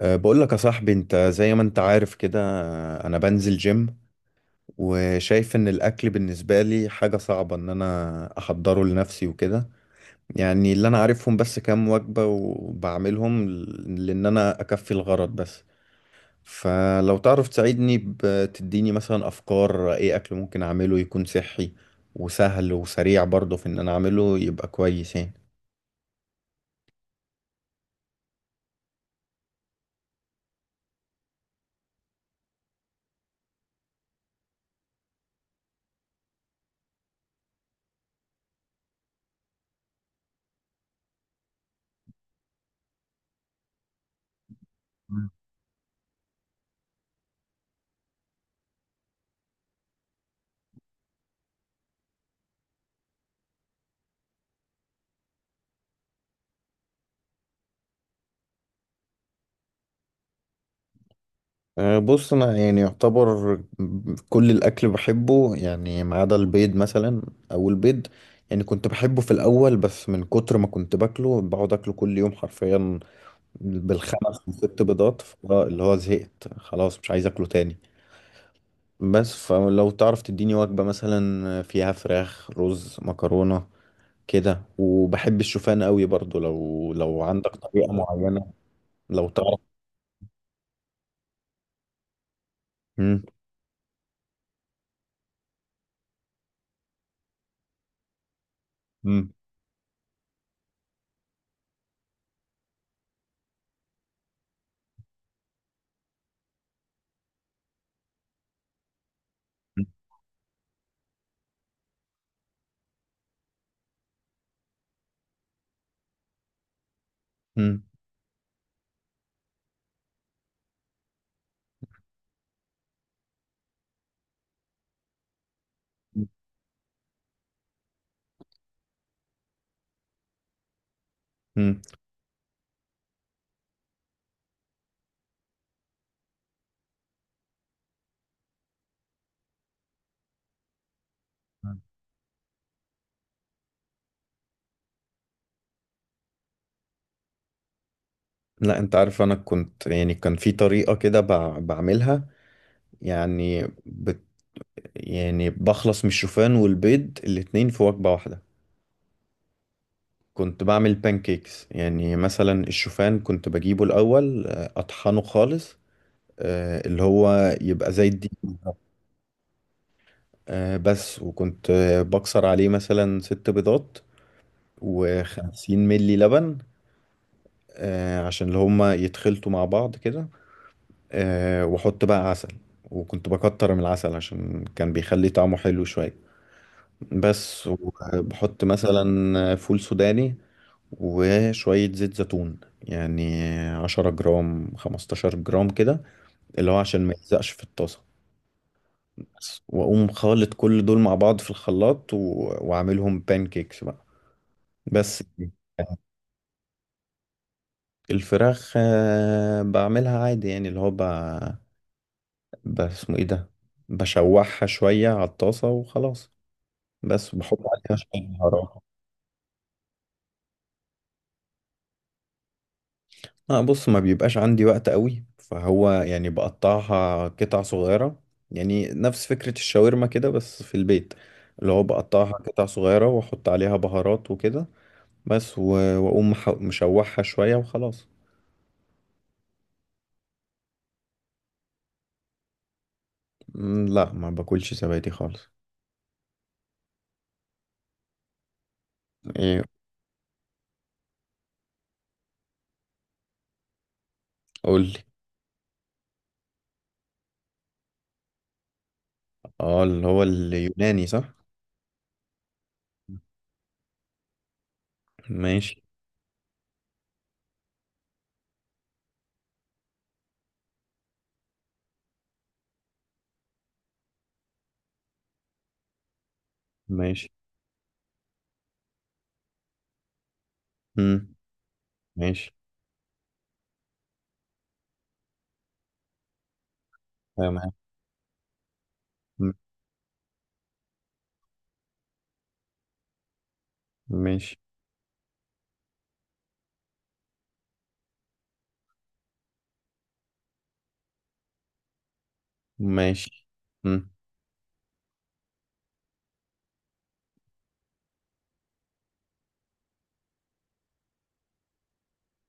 بقول لك يا صاحبي انت زي ما انت عارف كده. انا بنزل جيم، وشايف ان الاكل بالنسبة لي حاجة صعبة ان انا احضره لنفسي وكده. يعني اللي انا عارفهم بس كام وجبة وبعملهم لان انا اكفي الغرض بس. فلو تعرف تساعدني بتديني مثلا افكار ايه اكل ممكن اعمله يكون صحي وسهل وسريع برضه في ان انا اعمله يبقى كويس يعني. بص انا يعني يعتبر كل الاكل بحبه، يعني ما عدا البيض مثلا، او البيض يعني كنت بحبه في الاول، بس من كتر ما كنت باكله بقعد اكله كل يوم حرفيا بالخمس وست بيضات. اللي هو زهقت خلاص مش عايز اكله تاني. بس فلو تعرف تديني وجبة مثلا فيها فراخ رز مكرونة كده، وبحب الشوفان قوي برضو لو عندك طريقة معينة لو تعرف. مم. مم. مم. مم. مم. لا انت عارف، انا كنت يعني كان في طريقة كده بعملها، يعني يعني بخلص من الشوفان والبيض الاتنين في وجبة واحدة. كنت بعمل بانكيكس، يعني مثلا الشوفان كنت بجيبه الاول، اطحنه خالص، اللي هو يبقى زي الدقيق بالظبط. بس وكنت بكسر عليه مثلا 6 بيضات وخمسين ملي لبن. عشان اللي هما يتخلطوا مع بعض كده، واحط بقى عسل، وكنت بكتر من العسل عشان كان بيخلي طعمه حلو شوية بس. وبحط مثلا فول سوداني وشوية زيت زيتون، يعني 10 جرام 15 جرام كده، اللي هو عشان ما يلزقش في الطاسة بس. وأقوم خالط كل دول مع بعض في الخلاط، و... وأعملهم بانكيكس بقى بس. الفراخ بعملها عادي، يعني اللي هو اسمه ايه ده، بشوحها شوية على الطاسة وخلاص، بس بحط عليها شوية بهارات. اه بص، ما بيبقاش عندي وقت قوي، فهو يعني بقطعها قطع صغيرة، يعني نفس فكرة الشاورما كده بس في البيت، اللي هو بقطعها قطع صغيرة واحط عليها بهارات وكده بس. واقوم مشوحها شوية وخلاص. لا ما باكلش زبادي خالص. ايه، قولي. اه اللي هو اليوناني، صح. ماشي. ماشي. مم. ماشي. تمام. مم، ماشي. ماشي. مم.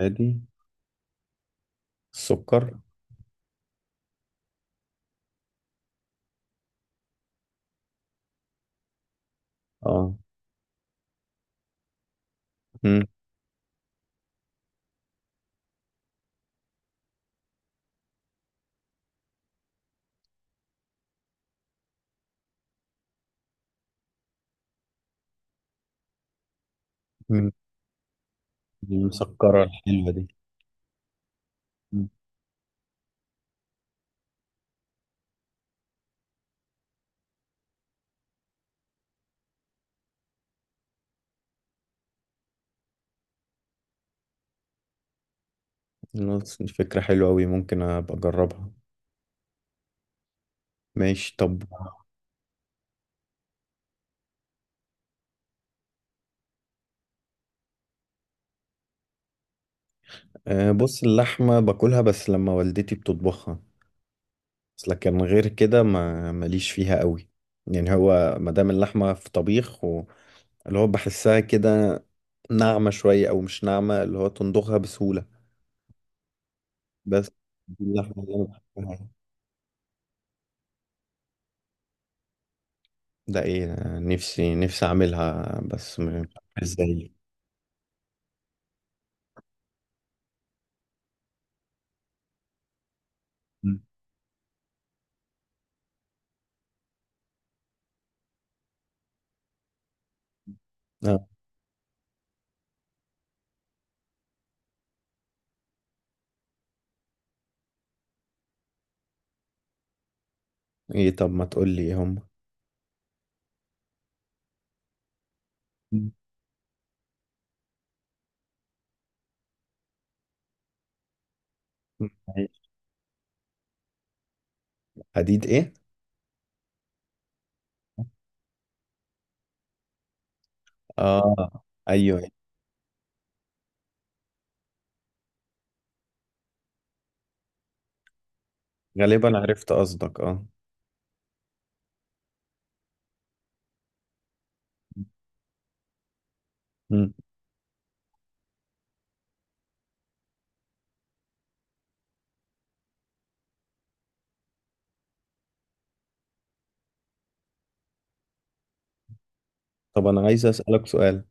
ادي السكر. اه. مم. مم. المسكرة الحلوة دي. مم. خلاص، دي فكرة حلوة أوي ممكن أبقى أجربها. ماشي طب. بص، اللحمة باكلها بس لما والدتي بتطبخها، بس لكن غير كده ما ماليش فيها أوي. يعني هو مادام اللحمة في طبيخ اللي هو بحسها كده ناعمة شوية أو مش ناعمة، اللي هو تندوخها بسهولة بس. دي اللحمة اللي أنا بحبها. ده إيه، نفسي نفسي أعملها بس مش عارف ازاي. مم. اه. ايه طب، ما تقول لي إيه هم. مم. حديد ايه؟ اه. ايوه. غالبا عرفت قصدك، اه. مم. طب انا عايز اسالك سؤال.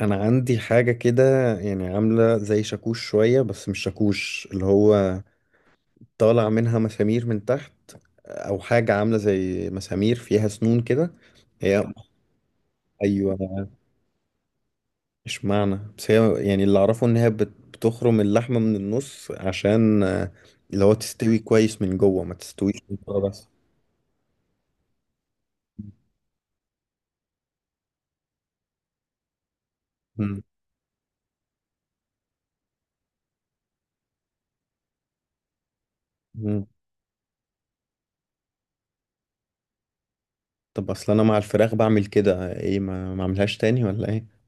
انا عندي حاجه كده يعني عامله زي شاكوش شويه، بس مش شاكوش اللي هو طالع منها مسامير من تحت، او حاجه عامله زي مسامير فيها سنون كده هي. ايوه. مش معنى، بس هي يعني اللي اعرفه ان هي بتخرم اللحمه من النص عشان، اللي هو تستوي كويس من جوه ما تستويش من بره بس. مم. مم. طب اصل انا مع الفراخ بعمل كده، ايه ما اعملهاش تاني ولا ايه؟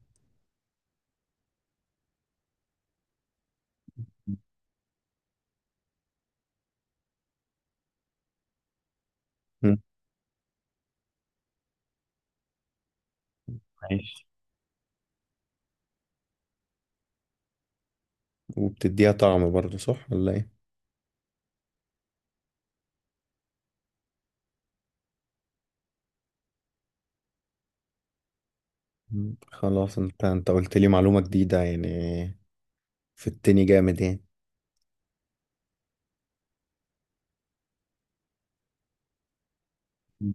مم. ماشي. وبتديها طعم برضه صح ولا ايه؟ مم. خلاص، انت قلت لي معلومة جديدة يعني، في التاني جامد يعني. مم.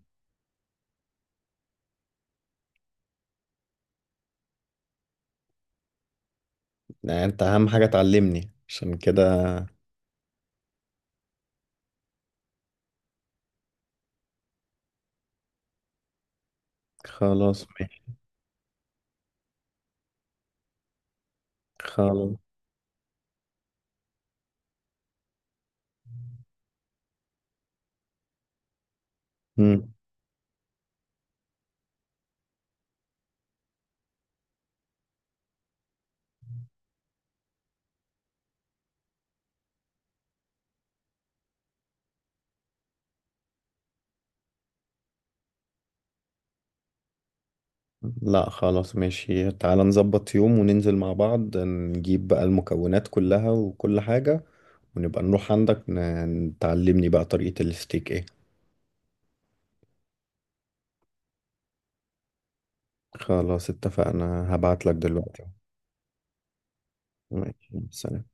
يعني انت اهم حاجة تعلمني عشان كده. خلاص ماشي. خلاص. مم. لا خلاص ماشي، تعالى نظبط يوم وننزل مع بعض نجيب بقى المكونات كلها وكل حاجة، ونبقى نروح عندك تعلمني بقى طريقة الستيك ايه. خلاص اتفقنا، هبعت لك دلوقتي. ماشي سلام.